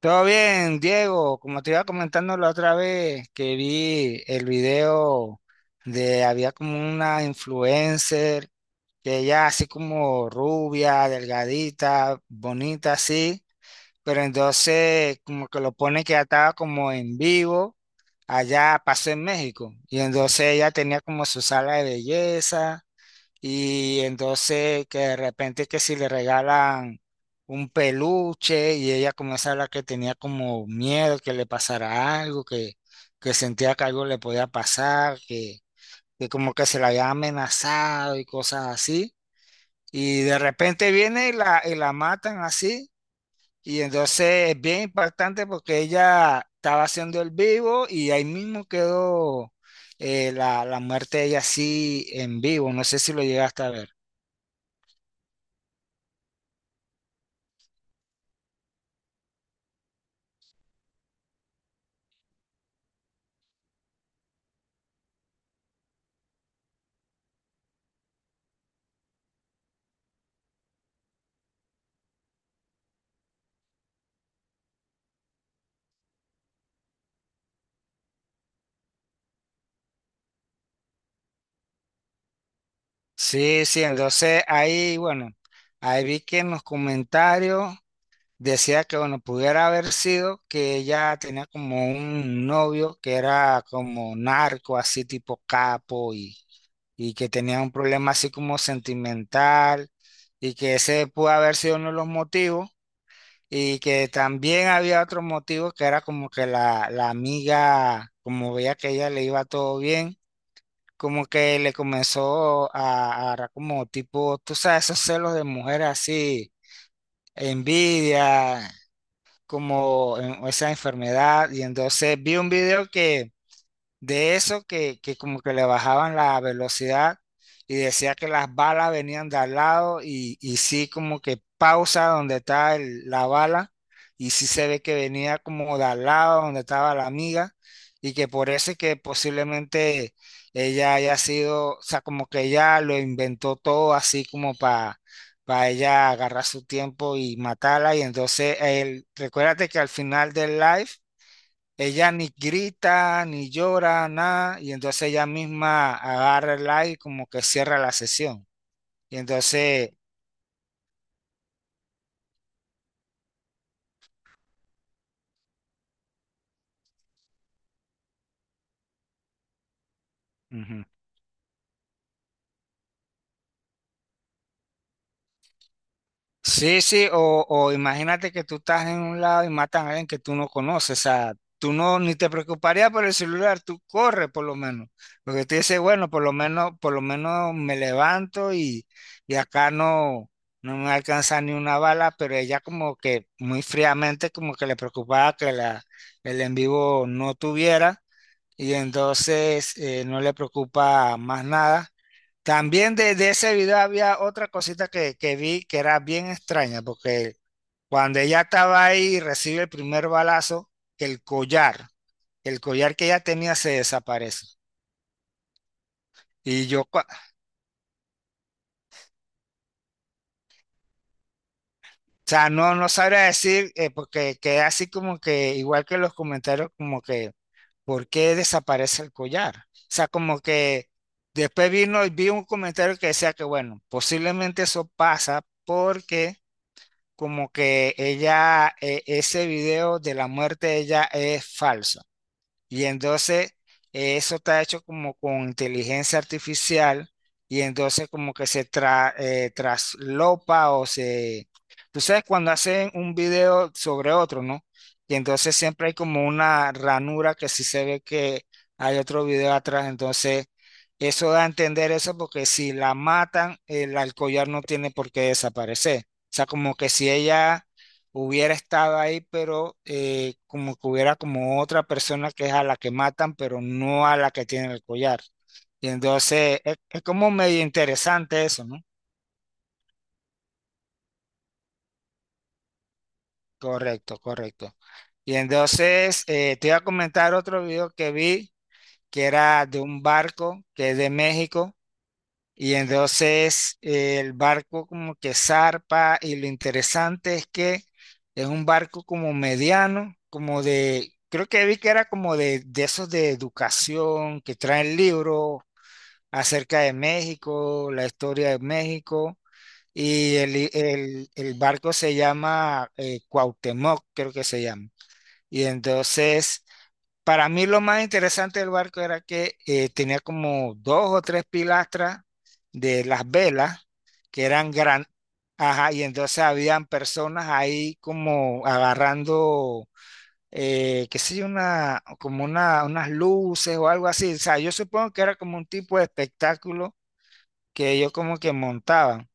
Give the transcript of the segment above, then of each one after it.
Todo bien, Diego. Como te iba comentando la otra vez que vi el video de había como una influencer que ella así como rubia, delgadita, bonita así, pero entonces como que lo pone que ya estaba como en vivo allá pasó en México y entonces ella tenía como su sala de belleza. Y entonces que de repente que si le regalan un peluche y ella comienza a hablar que tenía como miedo que le pasara algo, que sentía que algo le podía pasar, que como que se la había amenazado y cosas así. Y de repente viene y y la matan así. Y entonces es bien impactante porque ella estaba haciendo el vivo y ahí mismo quedó la muerte de ella así en vivo. No sé si lo llegaste a ver. Sí, sí, entonces ahí, bueno, ahí vi que en los comentarios decía que, bueno, pudiera haber sido que ella tenía como un novio que era como narco, así tipo capo, y, que tenía un problema así como sentimental, y que ese pudo haber sido uno de los motivos, y que también había otro motivo que era como que la, amiga, como veía que ella le iba todo bien como que le comenzó a agarrar como tipo, tú sabes, esos celos de mujer así, envidia, como esa enfermedad. Y entonces vi un video que de eso que, como que le bajaban la velocidad y decía que las balas venían de al lado y sí como que pausa donde está la bala y sí se ve que venía como de al lado donde estaba la amiga y que por eso es que posiblemente ella haya sido, o sea, como que ella lo inventó todo así como para ella agarrar su tiempo y matarla y entonces él, recuérdate que al final del live ella ni grita, ni llora, nada, y entonces ella misma agarra el like como que cierra la sesión. Y entonces, ujú. Sí, sí, o imagínate que tú estás en un lado y matan a alguien que tú no conoces, o sea, tú no ni te preocuparías por el celular, tú corres por lo menos, porque tú dices, bueno, por lo menos me levanto y, acá no, no me alcanza ni una bala, pero ella como que muy fríamente como que le preocupaba que el en vivo no tuviera y entonces no le preocupa más nada. También de, ese video había otra cosita que vi que era bien extraña, porque cuando ella estaba ahí y recibe el primer balazo, que el collar que ella tenía se desaparece. Y yo, o sea, no, no sabría decir, porque queda así como que, igual que los comentarios, como que ¿por qué desaparece el collar? O sea, como que después vino y vi un comentario que decía que, bueno, posiblemente eso pasa porque como que ella, ese video de la muerte de ella es falso. Y entonces eso está hecho como con inteligencia artificial y entonces como que se traslopa o se... Tú sabes cuando hacen un video sobre otro, ¿no? Y entonces siempre hay como una ranura que si se ve que hay otro video atrás, entonces eso da a entender eso porque si la matan, el alcollar no tiene por qué desaparecer. O sea, como que si ella hubiera estado ahí, pero como que hubiera como otra persona que es a la que matan, pero no a la que tiene el collar. Y entonces es como medio interesante eso, ¿no? Correcto, correcto. Y entonces te iba a comentar otro video que vi que era de un barco que es de México. Y entonces el barco como que zarpa y lo interesante es que es un barco como mediano, como de, creo que vi que era como de, esos de educación que traen libros acerca de México, la historia de México. Y el barco se llama Cuauhtémoc, creo que se llama. Y entonces para mí lo más interesante del barco era que tenía como dos o tres pilastras de las velas que eran ajá, y entonces habían personas ahí como agarrando, qué sé yo, una, como una, unas luces o algo así. O sea, yo supongo que era como un tipo de espectáculo que ellos como que montaban.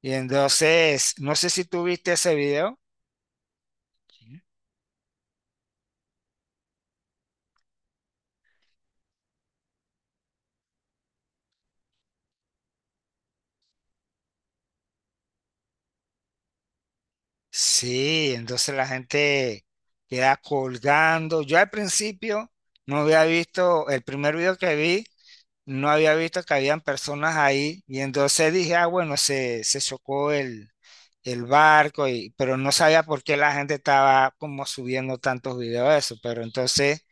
Y entonces, no sé si tú viste ese video. Sí, entonces la gente queda colgando. Yo al principio no había visto, el primer video que vi, no había visto que habían personas ahí y entonces dije, ah, bueno, se chocó el, barco, y, pero no sabía por qué la gente estaba como subiendo tantos videos de eso, pero entonces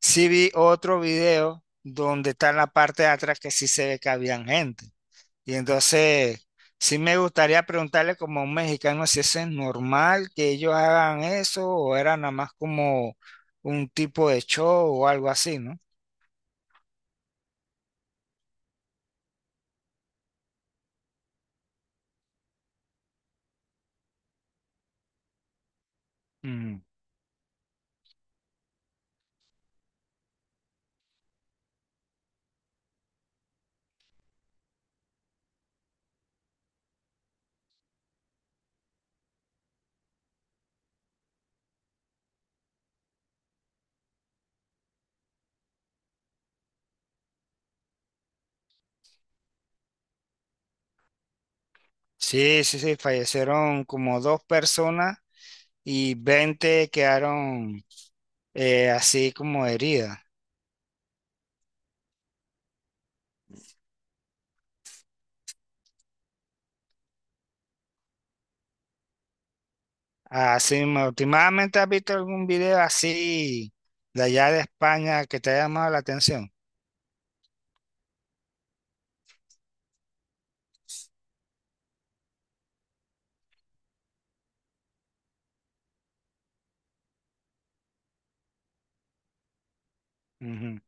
sí vi otro video donde está en la parte de atrás que sí se ve que habían gente. Y entonces, sí me gustaría preguntarle como a un mexicano si eso es normal que ellos hagan eso o era nada más como un tipo de show o algo así, ¿no? Mm. Sí, sí, sí, fallecieron como dos personas y 20 quedaron así como heridas. Así, últimamente has visto algún video así de allá de España que te haya llamado la atención. Ujú.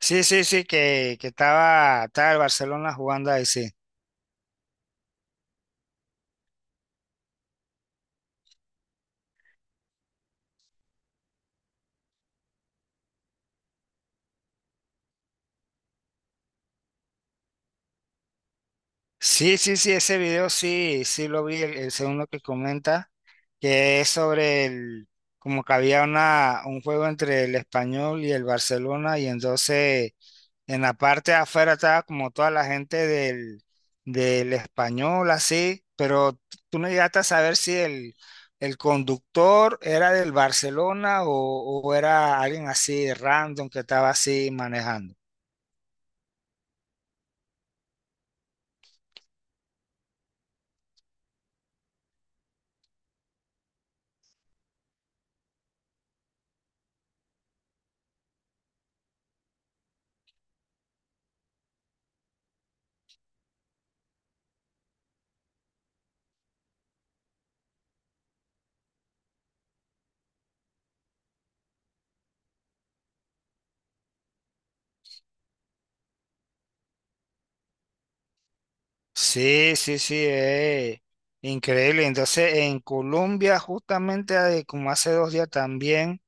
Sí, sí, sí, que, estaba el Barcelona jugando ahí, sí. Sí, sí, sí, ese video sí, sí lo vi, el segundo que comenta, que es sobre el, como que había un juego entre el Español y el Barcelona, y entonces en la parte de afuera estaba como toda la gente del, Español, así, pero tú no llegaste a saber si el conductor era del Barcelona o era alguien así random que estaba así manejando. Sí, sí, sí, increíble. Entonces, en Colombia, justamente como hace 2 días también,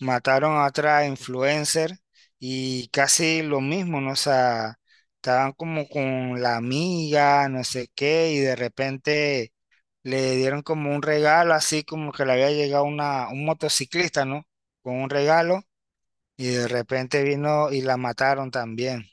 mataron a otra influencer y casi lo mismo, ¿no? O sea, estaban como con la amiga, no sé qué, y de repente le dieron como un regalo, así como que le había llegado un motociclista, ¿no? Con un regalo, y de repente vino y la mataron también.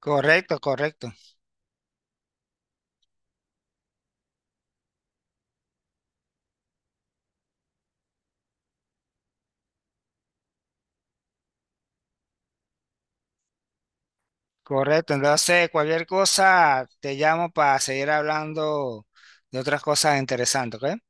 Correcto, correcto. Correcto, entonces cualquier cosa te llamo para seguir hablando de otras cosas interesantes, ¿ok?